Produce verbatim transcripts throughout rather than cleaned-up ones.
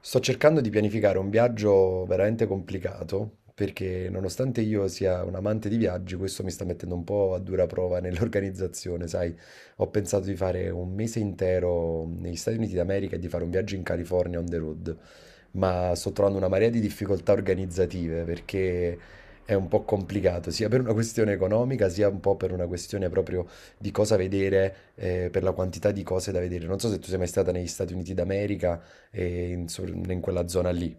Sto cercando di pianificare un viaggio veramente complicato, perché nonostante io sia un amante di viaggi, questo mi sta mettendo un po' a dura prova nell'organizzazione, sai? Ho pensato di fare un mese intero negli Stati Uniti d'America e di fare un viaggio in California on the road, ma sto trovando una marea di difficoltà organizzative perché è un po' complicato, sia per una questione economica, sia un po' per una questione proprio di cosa vedere, eh, per la quantità di cose da vedere. Non so se tu sei mai stata negli Stati Uniti d'America e in, sor- in quella zona lì.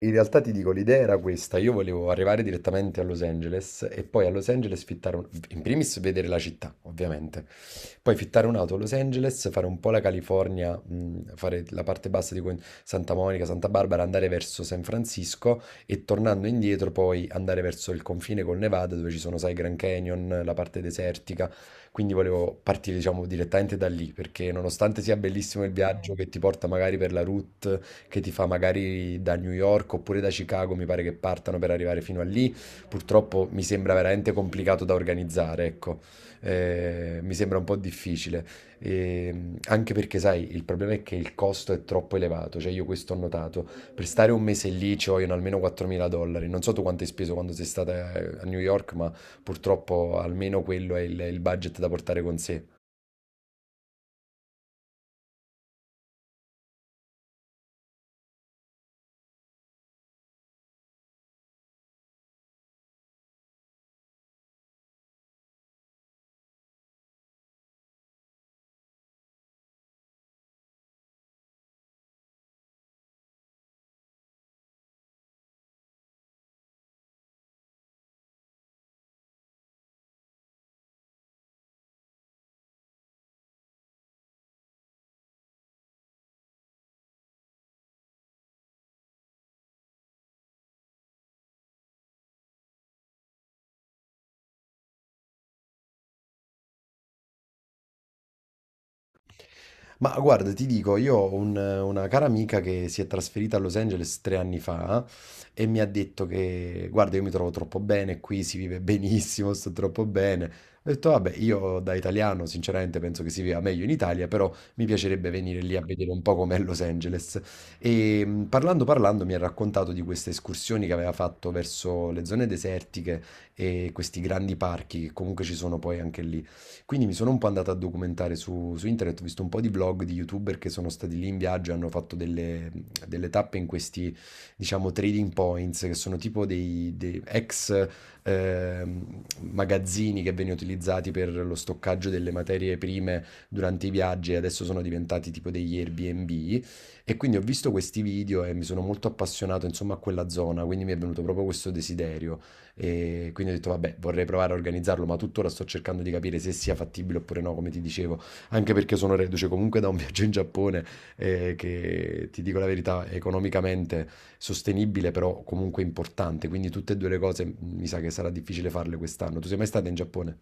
In realtà ti dico, l'idea era questa, io volevo arrivare direttamente a Los Angeles e poi a Los Angeles fittare, un- in primis vedere la città, ovviamente. Poi fittare un'auto a Los Angeles, fare un po' la California, mh, fare la parte bassa di que- Santa Monica, Santa Barbara, andare verso San Francisco e tornando indietro poi andare verso il confine col Nevada dove ci sono, sai, Grand Canyon, la parte desertica. Quindi volevo partire, diciamo, direttamente da lì, perché nonostante sia bellissimo il viaggio Mm. che ti porta magari per la route, che ti fa magari da New York oppure da Chicago, mi pare che partano per arrivare fino a lì, purtroppo mi sembra veramente complicato da organizzare, ecco, eh, mi sembra un po' difficile. E anche perché, sai, il problema è che il costo è troppo elevato. Cioè, io questo ho notato. Per stare un mese lì ci vogliono almeno quattromila dollari. Non so tu quanto hai speso quando sei stata eh, a New York, ma purtroppo almeno quello è il, il budget da portare con sé. Ma guarda, ti dico, io ho un- una cara amica che si è trasferita a Los Angeles tre anni fa e mi ha detto che, guarda, io mi trovo troppo bene qui, si vive benissimo, sto troppo bene. Ho detto, vabbè, io da italiano sinceramente penso che si viva meglio in Italia, però mi piacerebbe venire lì a vedere un po' com'è Los Angeles. E mh, parlando parlando mi ha raccontato di queste escursioni che aveva fatto verso le zone desertiche e questi grandi parchi che comunque ci sono poi anche lì, quindi mi sono un po' andato a documentare su, su internet, ho visto un po' di vlog di YouTuber che sono stati lì in viaggio e hanno fatto delle, delle tappe in questi, diciamo, trading points, che sono tipo dei, dei ex ehm, magazzini che venivano utilizzati per lo stoccaggio delle materie prime durante i viaggi e adesso sono diventati tipo degli Airbnb. E quindi ho visto questi video e mi sono molto appassionato, insomma, a quella zona, quindi mi è venuto proprio questo desiderio. E quindi ho detto, vabbè, vorrei provare a organizzarlo, ma tuttora sto cercando di capire se sia fattibile oppure no, come ti dicevo, anche perché sono reduce comunque da un viaggio in Giappone, eh, che ti dico la verità, è economicamente sostenibile, però comunque importante. Quindi tutte e due le cose mi sa che sarà difficile farle quest'anno. Tu sei mai stata in Giappone?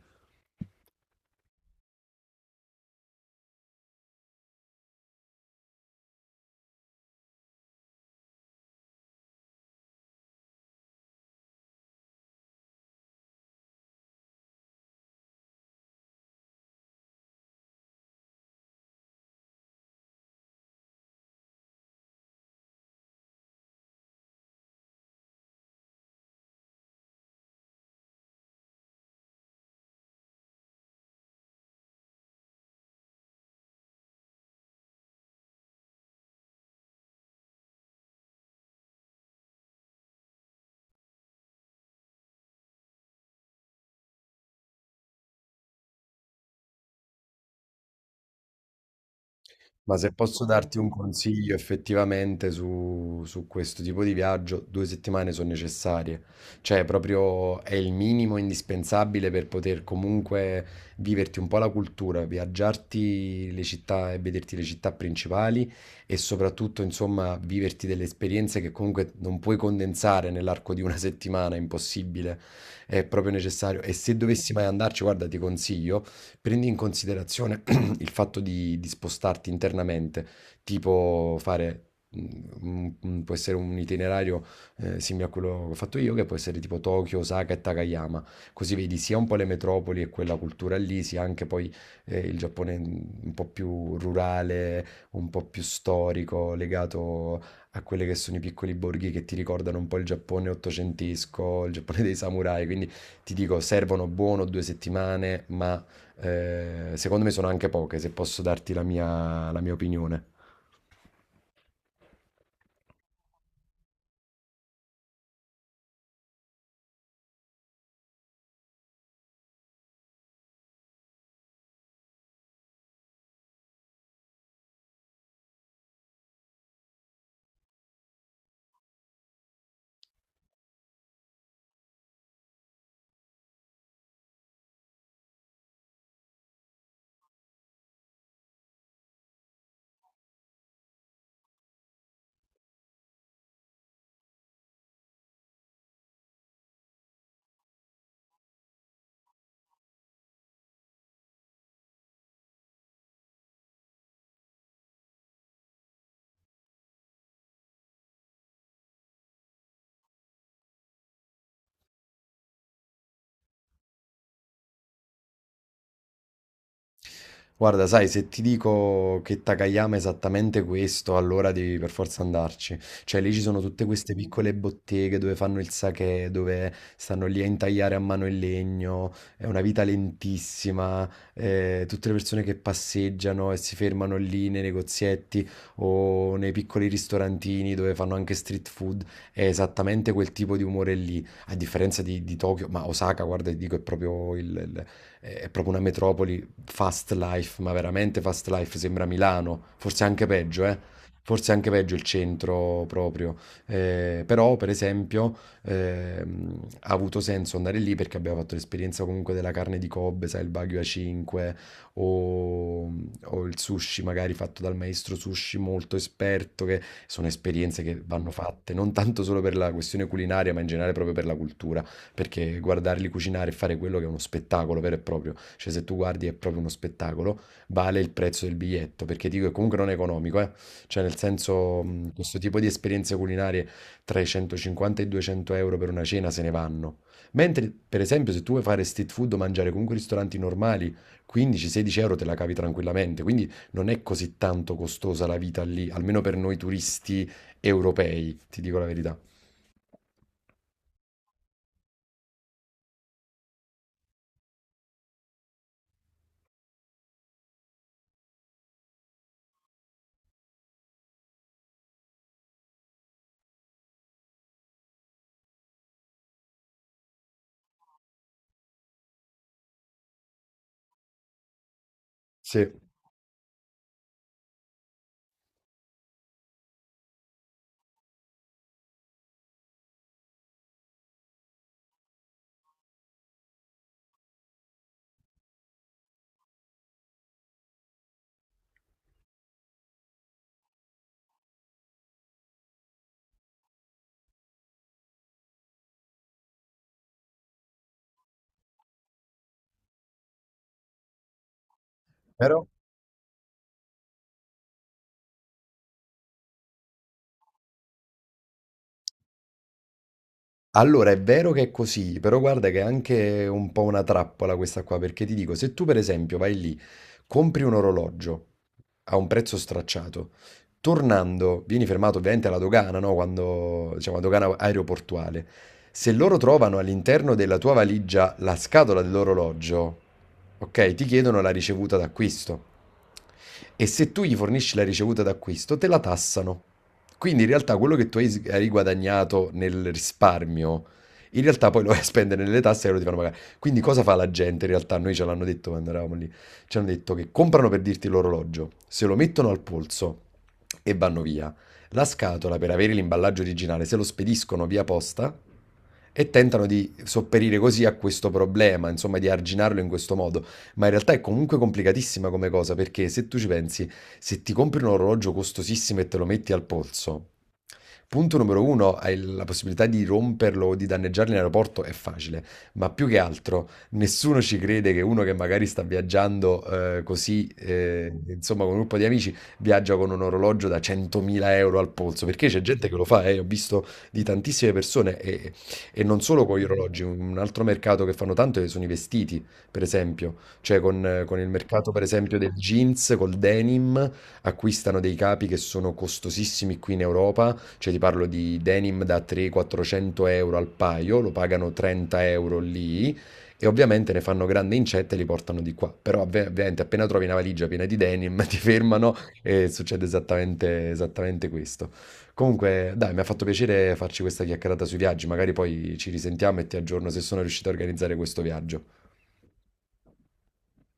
Ma se posso darti un consiglio effettivamente su, su questo tipo di viaggio, due settimane sono necessarie. Cioè, proprio è il minimo indispensabile per poter comunque viverti un po' la cultura, viaggiarti le città e vederti le città principali e soprattutto, insomma, viverti delle esperienze che comunque non puoi condensare nell'arco di una settimana, è impossibile, è proprio necessario. E se dovessi mai andarci, guarda, ti consiglio, prendi in considerazione il fatto di, di spostarti internamente, tipo fare, mm, mm, può essere un itinerario eh, simile a quello che ho fatto io, che può essere tipo Tokyo, Osaka e Takayama, così vedi sia un po' le metropoli e quella cultura lì, sia anche poi eh, il Giappone un po' più rurale, un po' più storico, legato a quelli che sono i piccoli borghi che ti ricordano un po' il Giappone ottocentesco, il Giappone dei samurai, quindi ti dico, servono buono due settimane, ma eh, secondo me sono anche poche, se posso darti la mia, la mia opinione. Guarda, sai, se ti dico che Takayama è esattamente questo, allora devi per forza andarci. Cioè, lì ci sono tutte queste piccole botteghe dove fanno il sake, dove stanno lì a intagliare a mano il legno, è una vita lentissima, eh, tutte le persone che passeggiano e si fermano lì nei negozietti o nei piccoli ristorantini dove fanno anche street food, è esattamente quel tipo di umore lì, a differenza di, di Tokyo. Ma Osaka, guarda, ti dico, è proprio il il- è proprio una metropoli fast life, ma veramente fast life, sembra Milano, forse anche peggio, eh. Forse anche peggio il centro proprio. Eh, però, per esempio, ehm, ha avuto senso andare lì perché abbiamo fatto l'esperienza comunque della carne di Kobe, sai, il Wagyu A cinque, o, o il sushi magari fatto dal maestro sushi molto esperto, che sono esperienze che vanno fatte, non tanto solo per la questione culinaria, ma in generale proprio per la cultura, perché guardarli cucinare e fare quello che è uno spettacolo vero e proprio, cioè, se tu guardi è proprio uno spettacolo, vale il prezzo del biglietto, perché dico che comunque non è economico, eh. Cioè, nel senso, mh, questo tipo di esperienze culinarie tra i centocinquanta e i duecento euro per una cena se ne vanno. Mentre, per esempio, se tu vuoi fare street food o mangiare comunque ristoranti normali, quindici-sedici euro te la cavi tranquillamente, quindi non è così tanto costosa la vita lì, almeno per noi turisti europei, ti dico la verità. Sì. Però, allora, è vero che è così, però guarda che è anche un po' una trappola questa qua, perché ti dico, se tu per esempio vai lì, compri un orologio, a un prezzo stracciato. Tornando, vieni fermato ovviamente alla dogana, no? Quando, diciamo, la dogana aeroportuale. Se loro trovano all'interno della tua valigia la scatola dell'orologio, ok, ti chiedono la ricevuta d'acquisto. E se tu gli fornisci la ricevuta d'acquisto, te la tassano. Quindi in realtà quello che tu hai s- hai guadagnato nel risparmio, in realtà poi lo vai a spendere nelle tasse e loro ti fanno pagare. Quindi cosa fa la gente in realtà? Noi ce l'hanno detto quando eravamo lì, ci hanno detto che comprano per dirti l'orologio, se lo mettono al polso e vanno via. La scatola per avere l'imballaggio originale se lo spediscono via posta e tentano di sopperire così a questo problema, insomma di arginarlo in questo modo. Ma in realtà è comunque complicatissima come cosa perché se tu ci pensi, se ti compri un orologio costosissimo e te lo metti al polso, punto numero uno, hai la possibilità di romperlo o di danneggarlo in aeroporto è facile, ma più che altro nessuno ci crede che uno che magari sta viaggiando eh, così, eh, insomma, con un gruppo di amici, viaggia con un orologio da centomila euro al polso, perché c'è gente che lo fa, eh, ho visto di tantissime persone e, e non solo con gli orologi, un altro mercato che fanno tanto sono i vestiti, per esempio, cioè con, eh, con il mercato per esempio del jeans, col denim, acquistano dei capi che sono costosissimi qui in Europa, cioè ti parlo di denim da trecento-quattrocento euro al paio, lo pagano trenta euro lì e ovviamente ne fanno grande incetta e li portano di qua. Però ovvi- ovviamente appena trovi una valigia piena di denim ti fermano e succede esattamente, esattamente questo. Comunque, dai, mi ha fatto piacere farci questa chiacchierata sui viaggi, magari poi ci risentiamo e ti aggiorno se sono riuscito a organizzare questo viaggio.